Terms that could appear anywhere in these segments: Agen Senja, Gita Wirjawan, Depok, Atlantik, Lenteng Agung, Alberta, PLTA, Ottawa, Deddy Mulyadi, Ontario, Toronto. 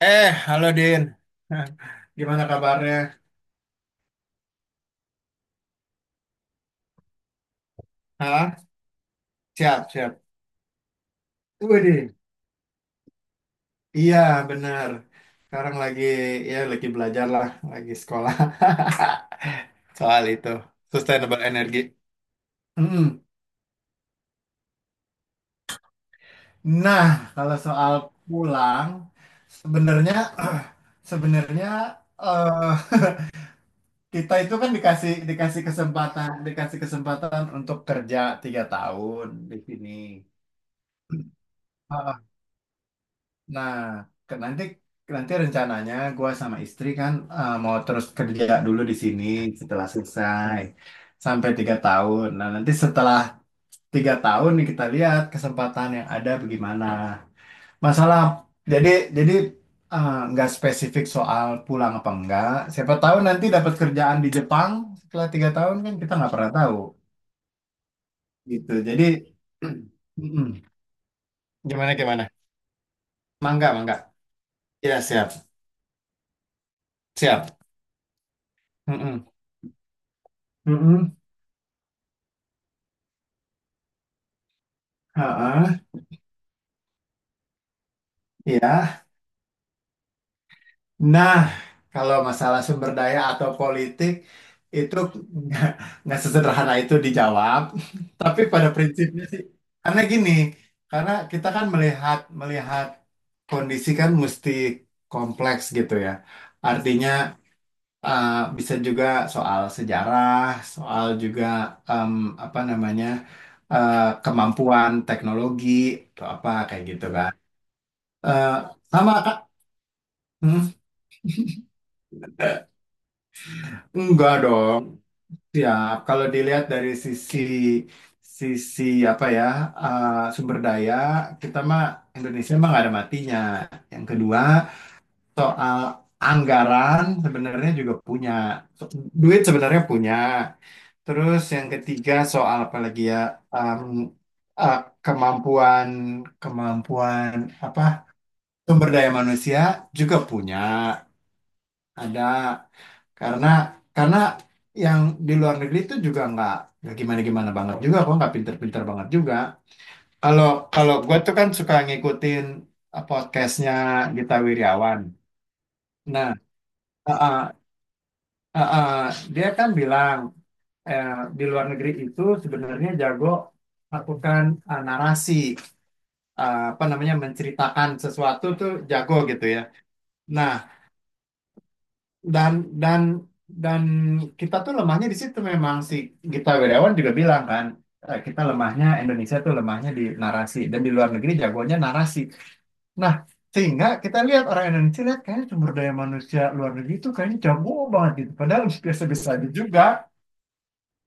Halo Din. Hah, gimana kabarnya? Hah? Siap, siap. Widih. Iya, benar. Sekarang lagi ya lagi belajar lah, lagi sekolah. Soal itu, sustainable energy. Mm. Nah, kalau soal pulang, sebenarnya sebenarnya eh kita itu kan dikasih dikasih kesempatan untuk kerja 3 tahun di sini. Eh, Nah, nanti nanti rencananya gue sama istri kan mau terus kerja dulu di sini setelah selesai sampai 3 tahun. Nah, nanti setelah 3 tahun nih kita lihat kesempatan yang ada bagaimana. Masalah jadi jadi nggak spesifik soal pulang apa enggak. Siapa tahu nanti dapat kerjaan di Jepang setelah 3 tahun kan kita nggak pernah tahu gitu. Jadi mm-mm. Gimana gimana? Mangga mangga. Ya siap siap. Mm-mm. Mm-mm. Heeh, ya. Nah, kalau masalah sumber daya atau politik itu nggak nggak sesederhana itu dijawab. Tapi pada prinsipnya sih, karena gini, karena kita kan melihat melihat kondisi kan mesti kompleks gitu ya. Artinya eh, bisa juga soal sejarah, soal juga em, apa namanya eh, kemampuan teknologi atau apa kayak gitu kan. Eh, sama Kak. Hmm, enggak dong. Siap. Kalau dilihat dari sisi sisi apa ya uh, sumber daya kita mah Indonesia mah nggak ada matinya. Yang kedua soal anggaran sebenarnya juga punya So- duit sebenarnya punya. Terus yang ketiga soal apa lagi ya um, uh, kemampuan kemampuan apa sumber daya manusia juga punya. Ada karena karena yang di luar negeri itu juga nggak gimana-gimana banget juga kok nggak pinter-pinter banget juga. Kalau kalau gue tuh kan suka ngikutin podcastnya Gita Wirjawan. Nah, eh, eh, eh, eh, dia kan bilang eh, di luar negeri itu sebenarnya jago lakukan narasi apa namanya menceritakan sesuatu tuh jago gitu ya. Nah, dan dan dan kita tuh lemahnya di situ memang si Gita Wirjawan juga bilang kan kita lemahnya Indonesia tuh lemahnya di narasi dan di luar negeri jagonya narasi. Nah, sehingga kita lihat orang Indonesia lihat kayaknya sumber daya manusia luar negeri itu kayaknya jago banget gitu. Padahal biasa-biasa aja juga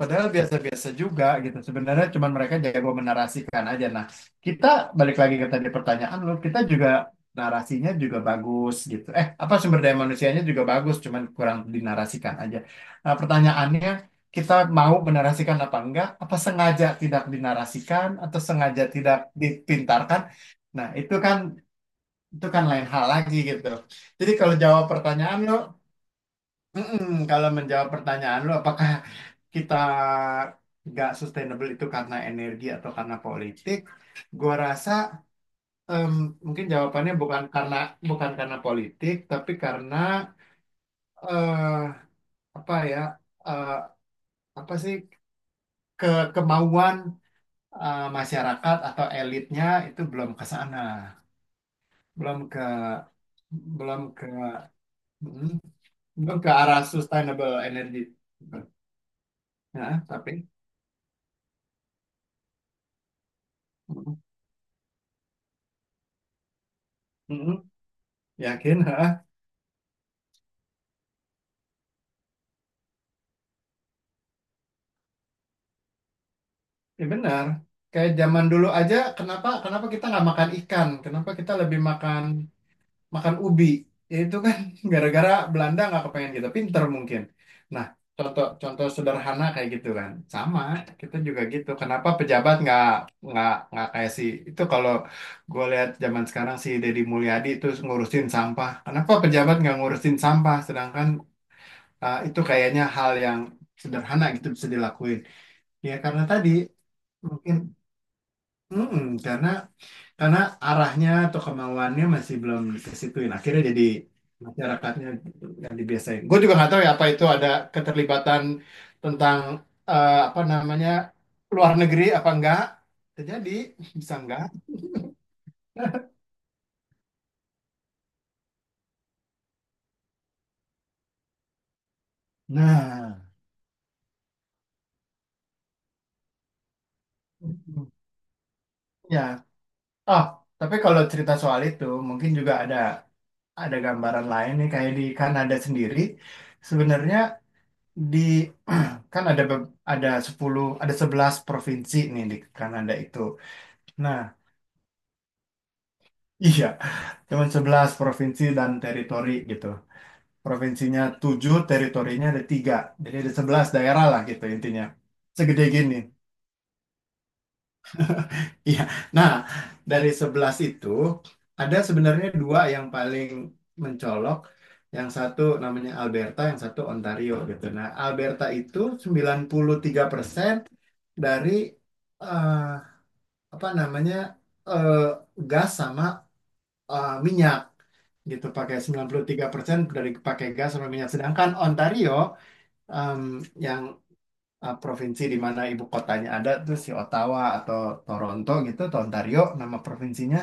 padahal biasa-biasa juga gitu. Sebenarnya cuman mereka jago menarasikan aja. Nah, kita balik lagi ke tadi pertanyaan lu, kita juga narasinya juga bagus gitu. Eh, apa sumber daya manusianya juga bagus, cuman kurang dinarasikan aja. Nah, pertanyaannya kita mau menarasikan apa enggak? Apa sengaja tidak dinarasikan atau sengaja tidak dipintarkan? Nah, itu kan lain hal lagi gitu. Jadi kalau jawab pertanyaan lu, mm-mm. Kalau menjawab pertanyaan lu, apakah kita nggak sustainable itu karena energi atau karena politik, gua rasa em, mungkin jawabannya bukan karena politik, tapi karena eh, apa ya eh, apa sih ke kemauan masyarakat atau elitnya itu belum ke sana, belum ke belum ke mm, belum ke arah sustainable energy. Nah, tapi mm, mm, yakin? Ya benar. Kayak zaman dulu aja, kenapa kenapa kita nggak makan ikan? Kenapa kita lebih makan makan ubi? Ya itu kan gara-gara Belanda nggak kepengen kita pinter mungkin. Nah, contoh contoh sederhana kayak gitu kan. Sama, kita juga gitu. Kenapa pejabat nggak nggak kayak si itu kalau gue lihat zaman sekarang si Deddy Mulyadi itu ngurusin sampah. Kenapa pejabat nggak ngurusin sampah? Sedangkan itu kayaknya hal yang sederhana gitu bisa dilakuin. Ya karena tadi mungkin mm-mm, karena arahnya atau kemauannya masih belum kesituin. Akhirnya jadi masyarakatnya yang dibiasain. Gue juga nggak tahu ya apa itu ada keterlibatan tentang apa namanya luar negeri apa enggak. Terjadi bisa enggak. Nah, ya. Oh, tapi kalau cerita soal itu mungkin juga ada gambaran lain nih kayak di Kanada sendiri sebenarnya di kan ada ada 10 ada 11 provinsi nih di Kanada itu. Nah, iya, cuman 11 provinsi dan teritori gitu. Provinsinya 7 teritorinya ada 3. Jadi ada 11 daerah lah gitu intinya. Segede gini. Iya. Nah, dari 11 itu ada sebenarnya 2 yang paling mencolok. Yang satu namanya Alberta, yang satu Ontario gitu. Nah, Alberta itu 93% dari eh, apa namanya eh, gas sama minyak gitu pakai 93% dari pakai gas sama minyak, sedangkan Ontario em, yang provinsi di mana ibu kotanya ada tuh si Ottawa atau Toronto gitu atau Ontario nama provinsinya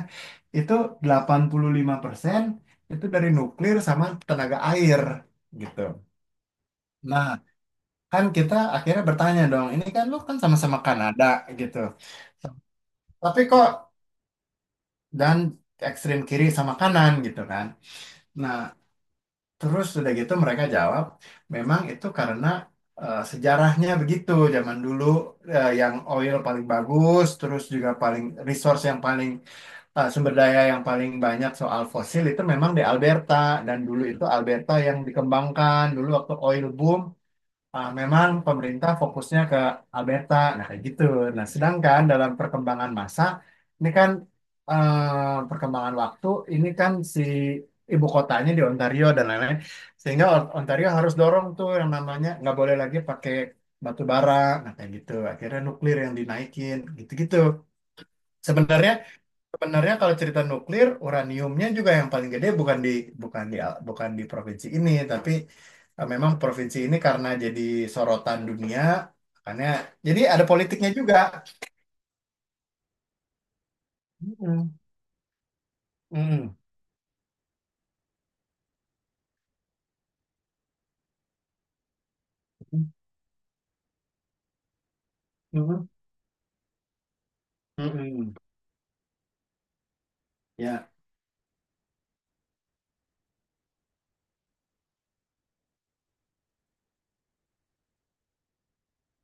itu 85% itu dari nuklir sama tenaga air gitu. Nah, kan kita akhirnya bertanya dong, ini kan lu kan sama-sama Kanada gitu. Tapi kok dan ekstrem kiri sama kanan gitu kan. Nah, terus sudah gitu mereka jawab, memang itu karena sejarahnya begitu. Zaman dulu yang oil paling bagus, terus juga paling resource yang paling sumber daya yang paling banyak soal fosil itu memang di Alberta dan dulu itu Alberta yang dikembangkan dulu waktu oil boom. Ah, memang pemerintah fokusnya ke Alberta, nah kayak gitu. Nah, sedangkan dalam perkembangan masa, ini kan perkembangan waktu, ini kan si ibu kotanya di Ontario dan lain-lain, sehingga Ontario harus dorong tuh yang namanya nggak boleh lagi pakai batu bara, nah kayak gitu. Akhirnya nuklir yang dinaikin, gitu-gitu. Sebenarnya Sebenarnya kalau cerita nuklir, uraniumnya juga yang paling gede bukan di bukan di provinsi ini, tapi memang provinsi ini karena jadi sorotan dunia, makanya jadi ada politiknya juga. Mm-mm. Mm-mm. Mm-mm. Mm-mm. Ya,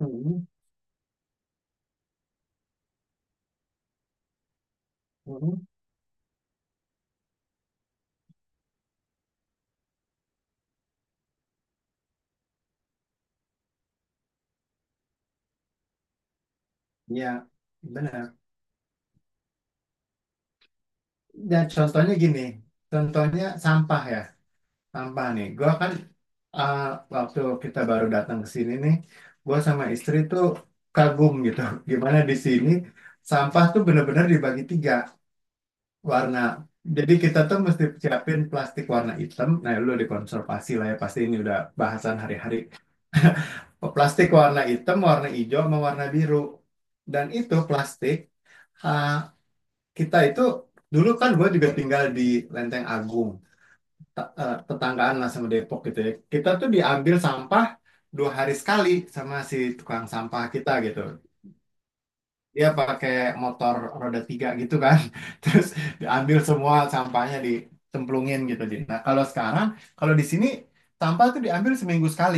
mm-mm. Mm-mm. Ya, benar. Dan contohnya gini, contohnya sampah ya, sampah nih. Gua kan ah, waktu kita baru datang ke sini nih, gue sama istri tuh kagum gitu. Gimana di sini sampah tuh bener-bener dibagi 3 warna. Jadi kita tuh mesti siapin plastik warna hitam. Nah, lu dikonservasi lah ya pasti ini udah bahasan hari-hari. Plastik warna hitam, warna hijau, sama warna biru. Dan itu plastik ah, kita itu dulu kan gue juga tinggal di Lenteng Agung tetanggaan lah sama Depok gitu ya. Kita tuh diambil sampah 2 hari sekali sama si tukang sampah kita gitu. Dia pakai motor roda 3 gitu kan. Terus diambil semua sampahnya dicemplungin gitu. Di. Nah kalau sekarang, kalau di sini sampah tuh diambil seminggu sekali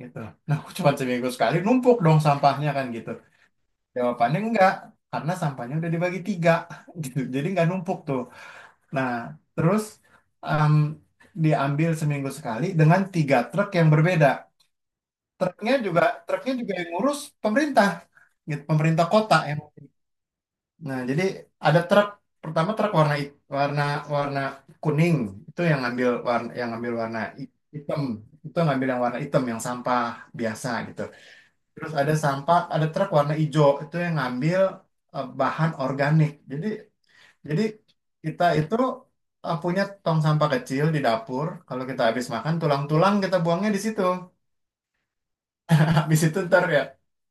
gitu. Nah aku cuma seminggu sekali numpuk dong sampahnya kan gitu. Jawabannya enggak, karena sampahnya udah dibagi 3 gitu. Jadi nggak numpuk tuh. Nah, terus em, diambil seminggu sekali dengan 3 truk yang berbeda. Truknya juga truknya juga yang ngurus pemerintah, gitu, pemerintah kota yang. Nah, jadi ada truk pertama truk warna hit- warna warna kuning itu yang ngambil warna hitam itu ngambil yang warna hitam yang sampah biasa gitu. Terus ada sampah ada truk warna hijau itu yang ngambil bahan organik. Jadi kita itu punya tong sampah kecil di dapur. Kalau kita habis makan, tulang-tulang kita buangnya di situ. Habis itu ntar ya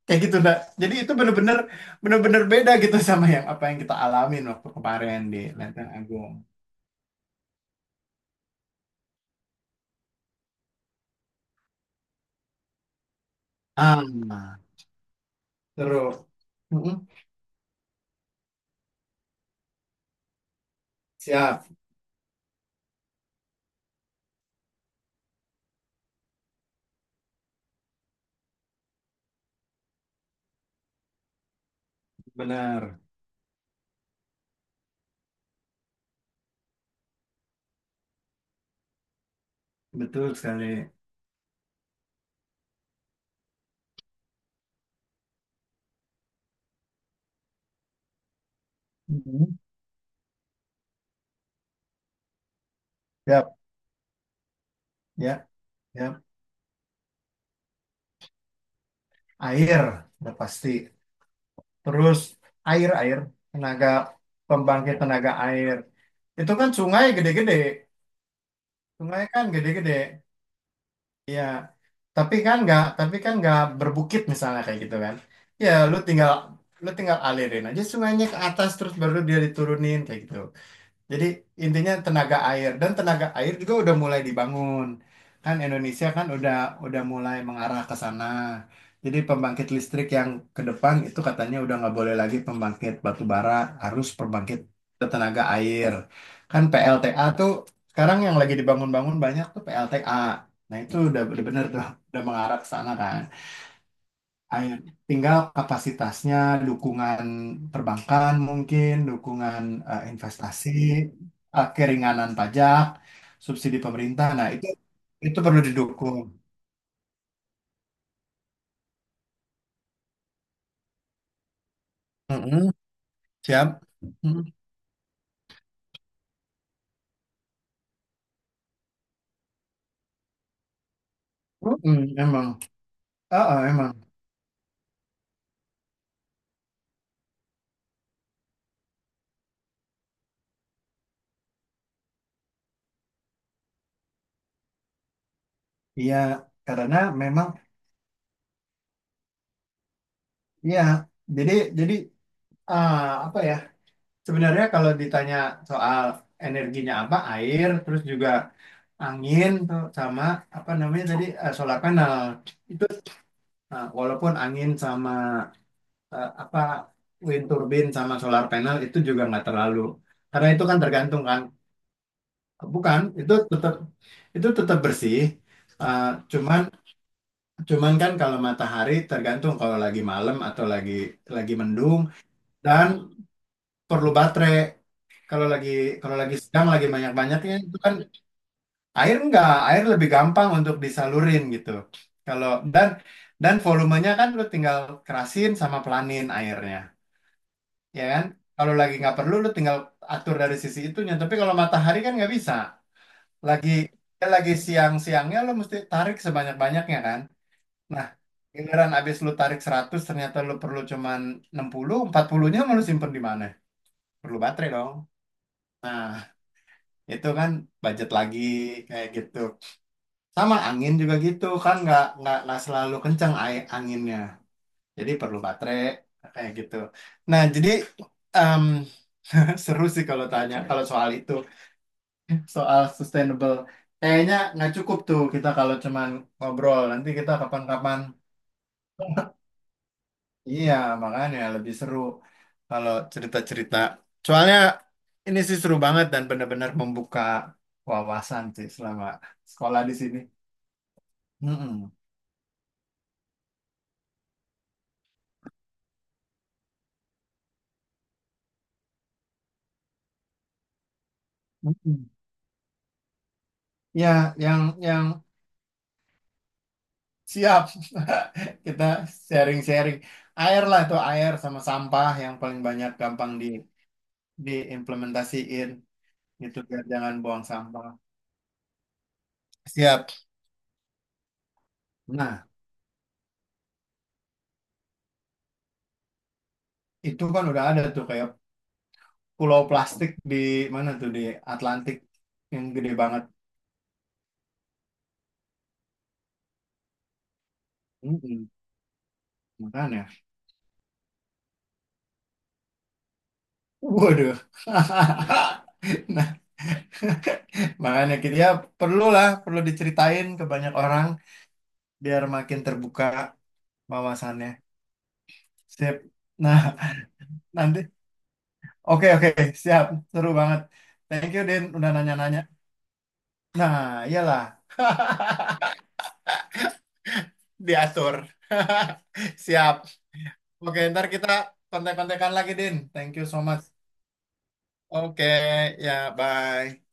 kayak gitu dah. Jadi itu bener-bener beda gitu sama yang apa yang kita alamin waktu kemarin di Lenteng Agung. Ah, seru. Mm-mm. Siap, benar, betul sekali. Mhm. Siap, ya, ya. Air, udah pasti. Terus air-air, tenaga pembangkit tenaga air. Itu kan sungai gede-gede. Sungai kan gede-gede. Ya, tapi kan nggak berbukit misalnya kayak gitu kan. Ya, lu tinggal alirin aja sungainya ke atas terus baru dia diturunin kayak gitu. Jadi intinya tenaga air dan tenaga air juga udah mulai dibangun. Kan Indonesia kan udah mulai mengarah ke sana. Jadi pembangkit listrik yang ke depan itu katanya udah nggak boleh lagi pembangkit batu bara, harus pembangkit tenaga air. Kan PLTA tuh sekarang yang lagi dibangun-bangun banyak tuh PLTA. Nah itu udah bener tuh, udah mengarah ke sana kan air. Tinggal kapasitasnya, dukungan perbankan mungkin, dukungan investasi, keringanan pajak, subsidi pemerintah. Nah, itu perlu didukung. Mm-mm, siap. Mm. Mm-mm, emang. Ah, ah, emang. Iya, karena memang iya. Jadi jadi ah, apa ya? Sebenarnya kalau ditanya soal energinya apa, air, terus juga angin tuh sama apa namanya tadi solar panel itu. Nah, walaupun angin sama apa wind turbine sama solar panel itu juga nggak terlalu karena itu kan tergantung kan bukan itu tetap itu tetap bersih. Eh, cuman cuman kan kalau matahari tergantung kalau lagi malam atau lagi mendung dan perlu baterai kalau lagi kalau lagi sedang lagi banyak-banyaknya itu kan air enggak, air lebih gampang untuk disalurin gitu kalau dan dan volumenya kan lu tinggal kerasin sama pelanin airnya ya kan? Kalau lagi nggak perlu, lu tinggal atur dari sisi itunya. Tapi kalau matahari kan nggak bisa. Lagi ya lagi siang-siangnya lu mesti tarik sebanyak-banyaknya kan? Nah, giliran abis lu tarik 100 ternyata lu perlu cuman 60, 40-nya mau lu simpen di mana? Perlu baterai dong. Itu kan budget lagi kayak gitu. Sama angin juga gitu kan nggak nggak selalu kencang anginnya. Jadi perlu baterai kayak gitu. Nah, jadi em, seru sih kalau tanya kalau soal itu, soal sustainable. Kayaknya nggak cukup tuh kita kalau cuman ngobrol. Nanti kita kapan-kapan. Iya, makanya lebih seru kalau cerita-cerita. Soalnya ini sih seru banget dan benar-benar membuka wawasan sih selama sekolah di sini. Mm-mm. Mm-mm. Ya, yang yang siap kita sharing-sharing. Air lah tuh air sama sampah yang paling banyak gampang di diimplementasiin gitu biar jangan buang sampah. Siap. Nah, itu kan udah ada tuh kayak pulau plastik di mana tuh di Atlantik yang gede banget. Mm-mm, makanya, waduh. Nah, makanya kita ya perlulah perlu diceritain ke banyak orang biar makin terbuka wawasannya. Sip. Nah, nanti. Oke, oke, siap. Seru banget. Thank you, Din, udah nanya-nanya. Nah, iyalah. Diatur. Siap. Oke, ntar kita kontek-kontekan lagi, Din. Thank you so much. Oke, ya, bye.